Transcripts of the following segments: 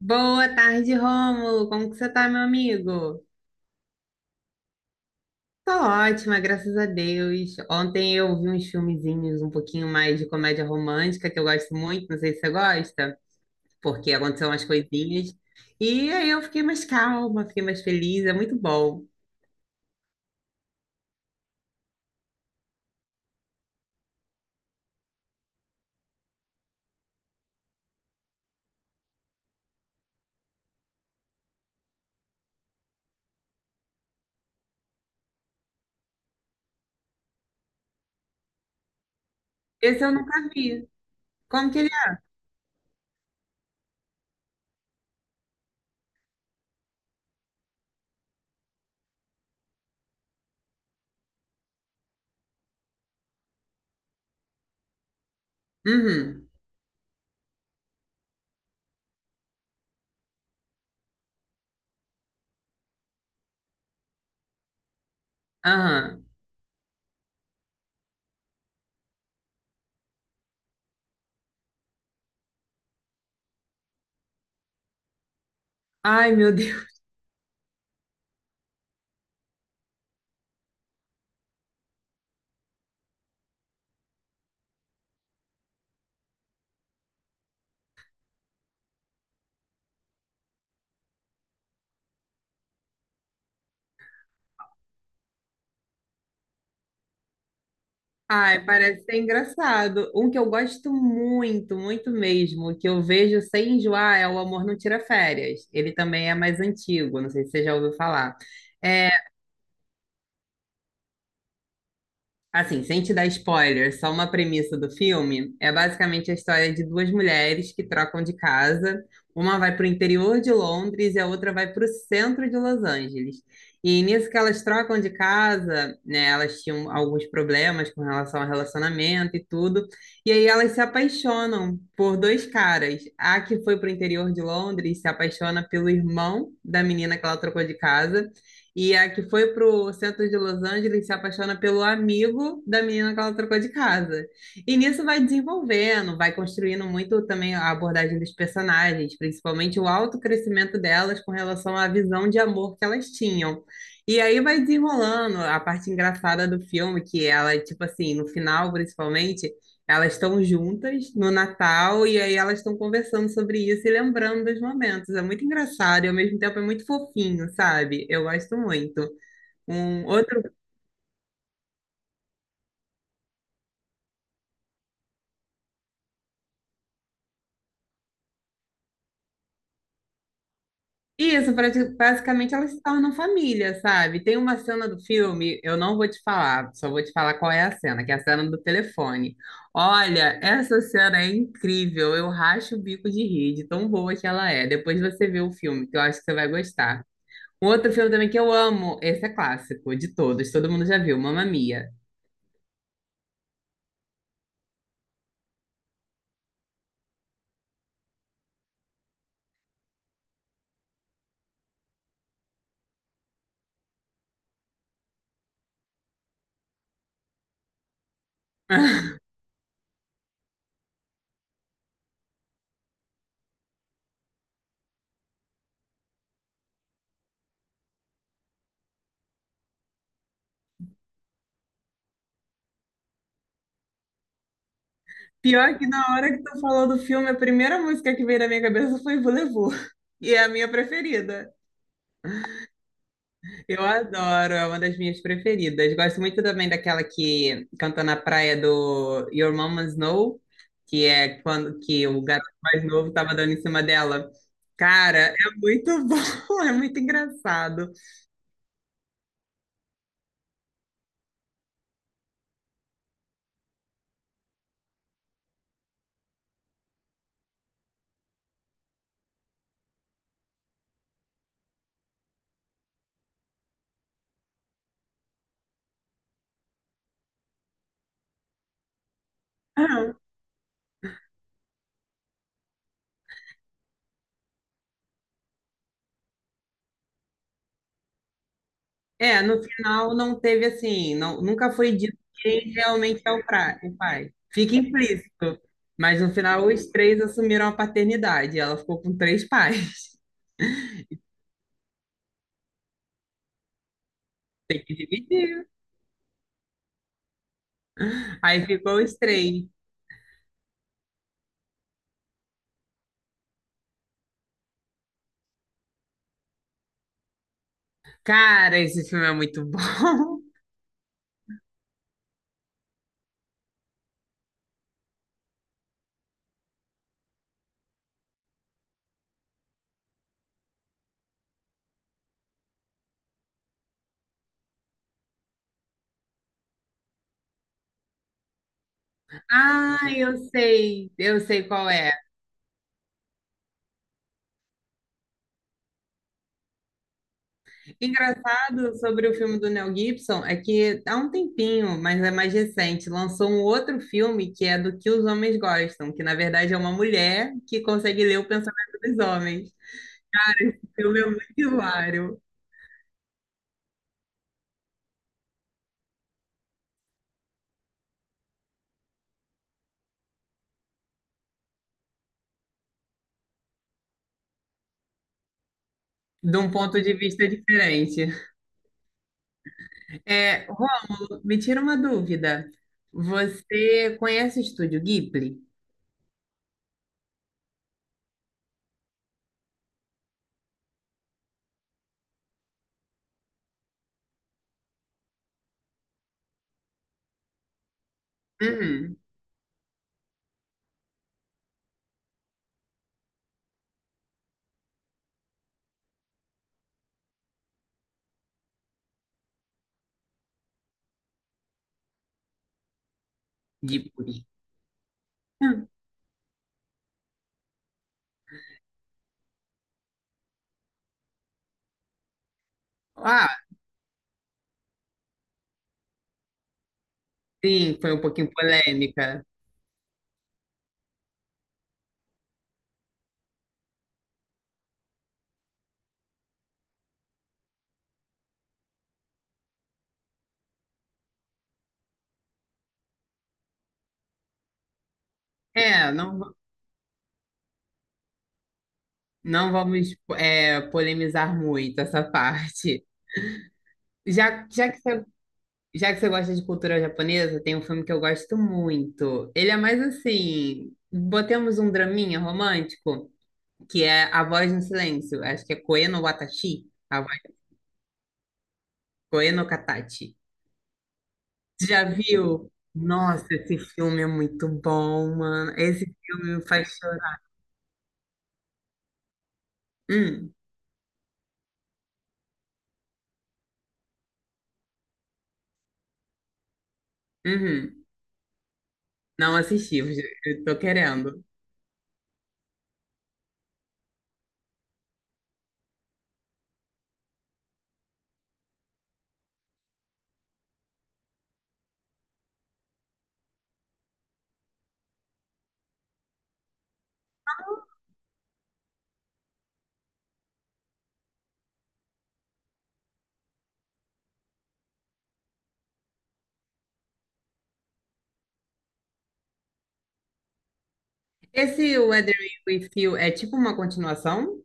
Boa tarde, Rômulo. Como que você tá, meu amigo? Tô ótima, graças a Deus. Ontem eu vi uns filmezinhos um pouquinho mais de comédia romântica, que eu gosto muito, não sei se você gosta, porque aconteceu umas coisinhas. E aí eu fiquei mais calma, fiquei mais feliz, é muito bom. Esse eu nunca vi. Como que ele é? Uhum. Aham. Ai, meu Deus. Ai, parece ser engraçado. Um que eu gosto muito, muito mesmo, que eu vejo sem enjoar, é O Amor Não Tira Férias. Ele também é mais antigo, não sei se você já ouviu falar. É. Assim, sem te dar spoiler, só uma premissa do filme, é basicamente a história de duas mulheres que trocam de casa. Uma vai para o interior de Londres e a outra vai para o centro de Los Angeles. E nisso que elas trocam de casa, né, elas tinham alguns problemas com relação ao relacionamento e tudo. E aí elas se apaixonam por dois caras. A que foi para o interior de Londres se apaixona pelo irmão da menina que ela trocou de casa. E a que foi pro centro de Los Angeles se apaixona pelo amigo da menina que ela trocou de casa. E nisso vai desenvolvendo, vai construindo muito também a abordagem dos personagens, principalmente o alto crescimento delas com relação à visão de amor que elas tinham. E aí vai desenrolando a parte engraçada do filme, que ela, tipo assim, no final, principalmente, elas estão juntas no Natal e aí elas estão conversando sobre isso e lembrando dos momentos. É muito engraçado e ao mesmo tempo é muito fofinho, sabe? Eu gosto muito. Um outro. Isso, basicamente elas se tornam família, sabe? Tem uma cena do filme, eu não vou te falar, só vou te falar qual é a cena, que é a cena do telefone. Olha, essa cena é incrível, eu racho o bico de rir, de tão boa que ela é. Depois você vê o filme, que eu acho que você vai gostar. Um outro filme também que eu amo, esse é clássico de todos, todo mundo já viu, Mamma Mia. Pior que na hora que tu falou do filme, a primeira música que veio na minha cabeça foi Volevo. E é a minha preferida. Eu adoro, é uma das minhas preferidas. Gosto muito também daquela que canta na praia do Your Mama's Know, que é quando que o garoto mais novo tava dando em cima dela. Cara, é muito bom, é muito engraçado. Ah, é, no final não teve assim, não, nunca foi dito quem realmente é o, pra, o pai. Fica implícito. Mas no final os três assumiram a paternidade. Ela ficou com três pais. E dividiu. Aí ficou os três. Cara, esse filme é muito bom. Ah, eu sei qual é. Engraçado sobre o filme do Mel Gibson é que há um tempinho, mas é mais recente, lançou um outro filme que é do que os homens gostam, que na verdade é uma mulher que consegue ler o pensamento dos homens. O filme é muito hilário, de um ponto de vista diferente. É, Rômulo, me tira uma dúvida. Você conhece o estúdio Ghibli? Uhum, Ghibli. Hum. Ah, sim, foi um pouquinho polêmica. É, não. Não vamos é, polemizar muito essa parte. Já, já que você gosta de cultura japonesa, tem um filme que eu gosto muito. Ele é mais assim, botemos um draminha romântico, que é A Voz no Silêncio. Acho que é Koe no Watashi, a voz Koe no Katachi. Já viu? Nossa, esse filme é muito bom, mano. Esse filme me faz chorar. Hum, uhum. Não assisti, eu tô querendo. Esse Weathering with You é tipo uma continuação?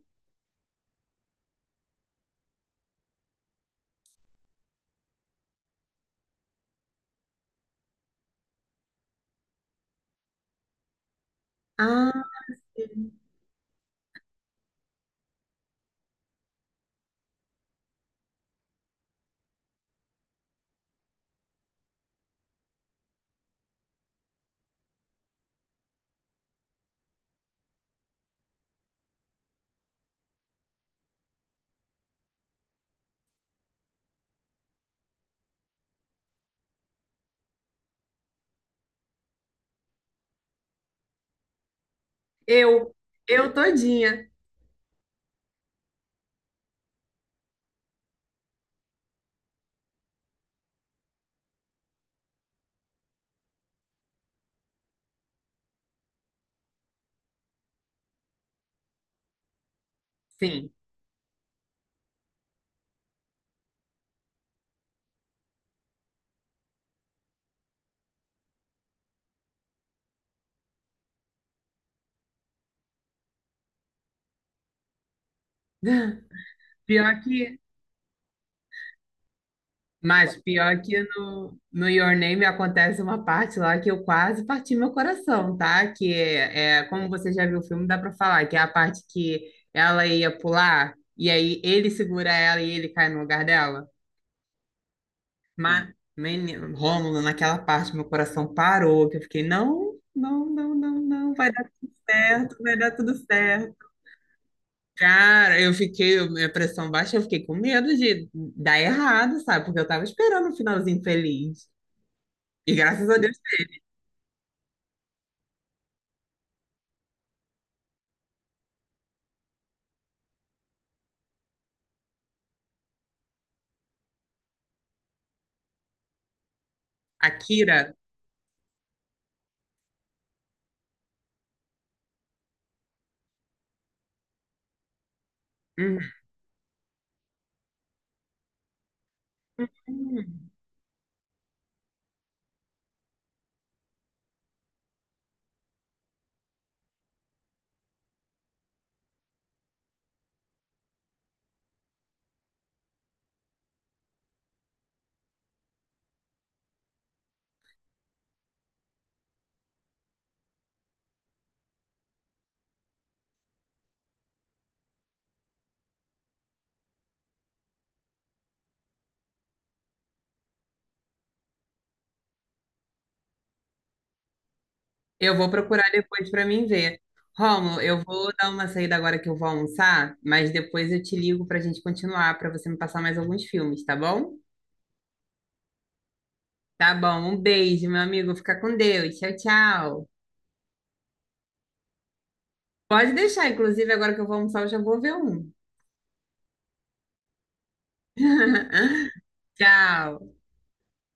Ah, eu, eu todinha. Sim. Pior que, mas pior que no, no Your Name acontece uma parte lá que eu quase parti meu coração, tá? Que é, é, como você já viu o filme, dá pra falar, que é a parte que ela ia pular e aí ele segura ela e ele cai no lugar dela. Mas, menino, Rômulo, naquela parte meu coração parou, que eu fiquei, não, não, não, não, não, vai certo, vai dar tudo certo. Cara, eu fiquei, minha pressão baixa, eu fiquei com medo de dar errado, sabe? Porque eu tava esperando um finalzinho feliz. E graças a Deus, Akira. Uhum. Hum. Eu vou procurar depois para mim ver. Rômulo, eu vou dar uma saída agora que eu vou almoçar, mas depois eu te ligo para a gente continuar, para você me passar mais alguns filmes, tá bom? Tá bom, um beijo, meu amigo. Fica com Deus. Tchau, tchau. Pode deixar, inclusive, agora que eu vou almoçar, eu já vou ver um. Tchau.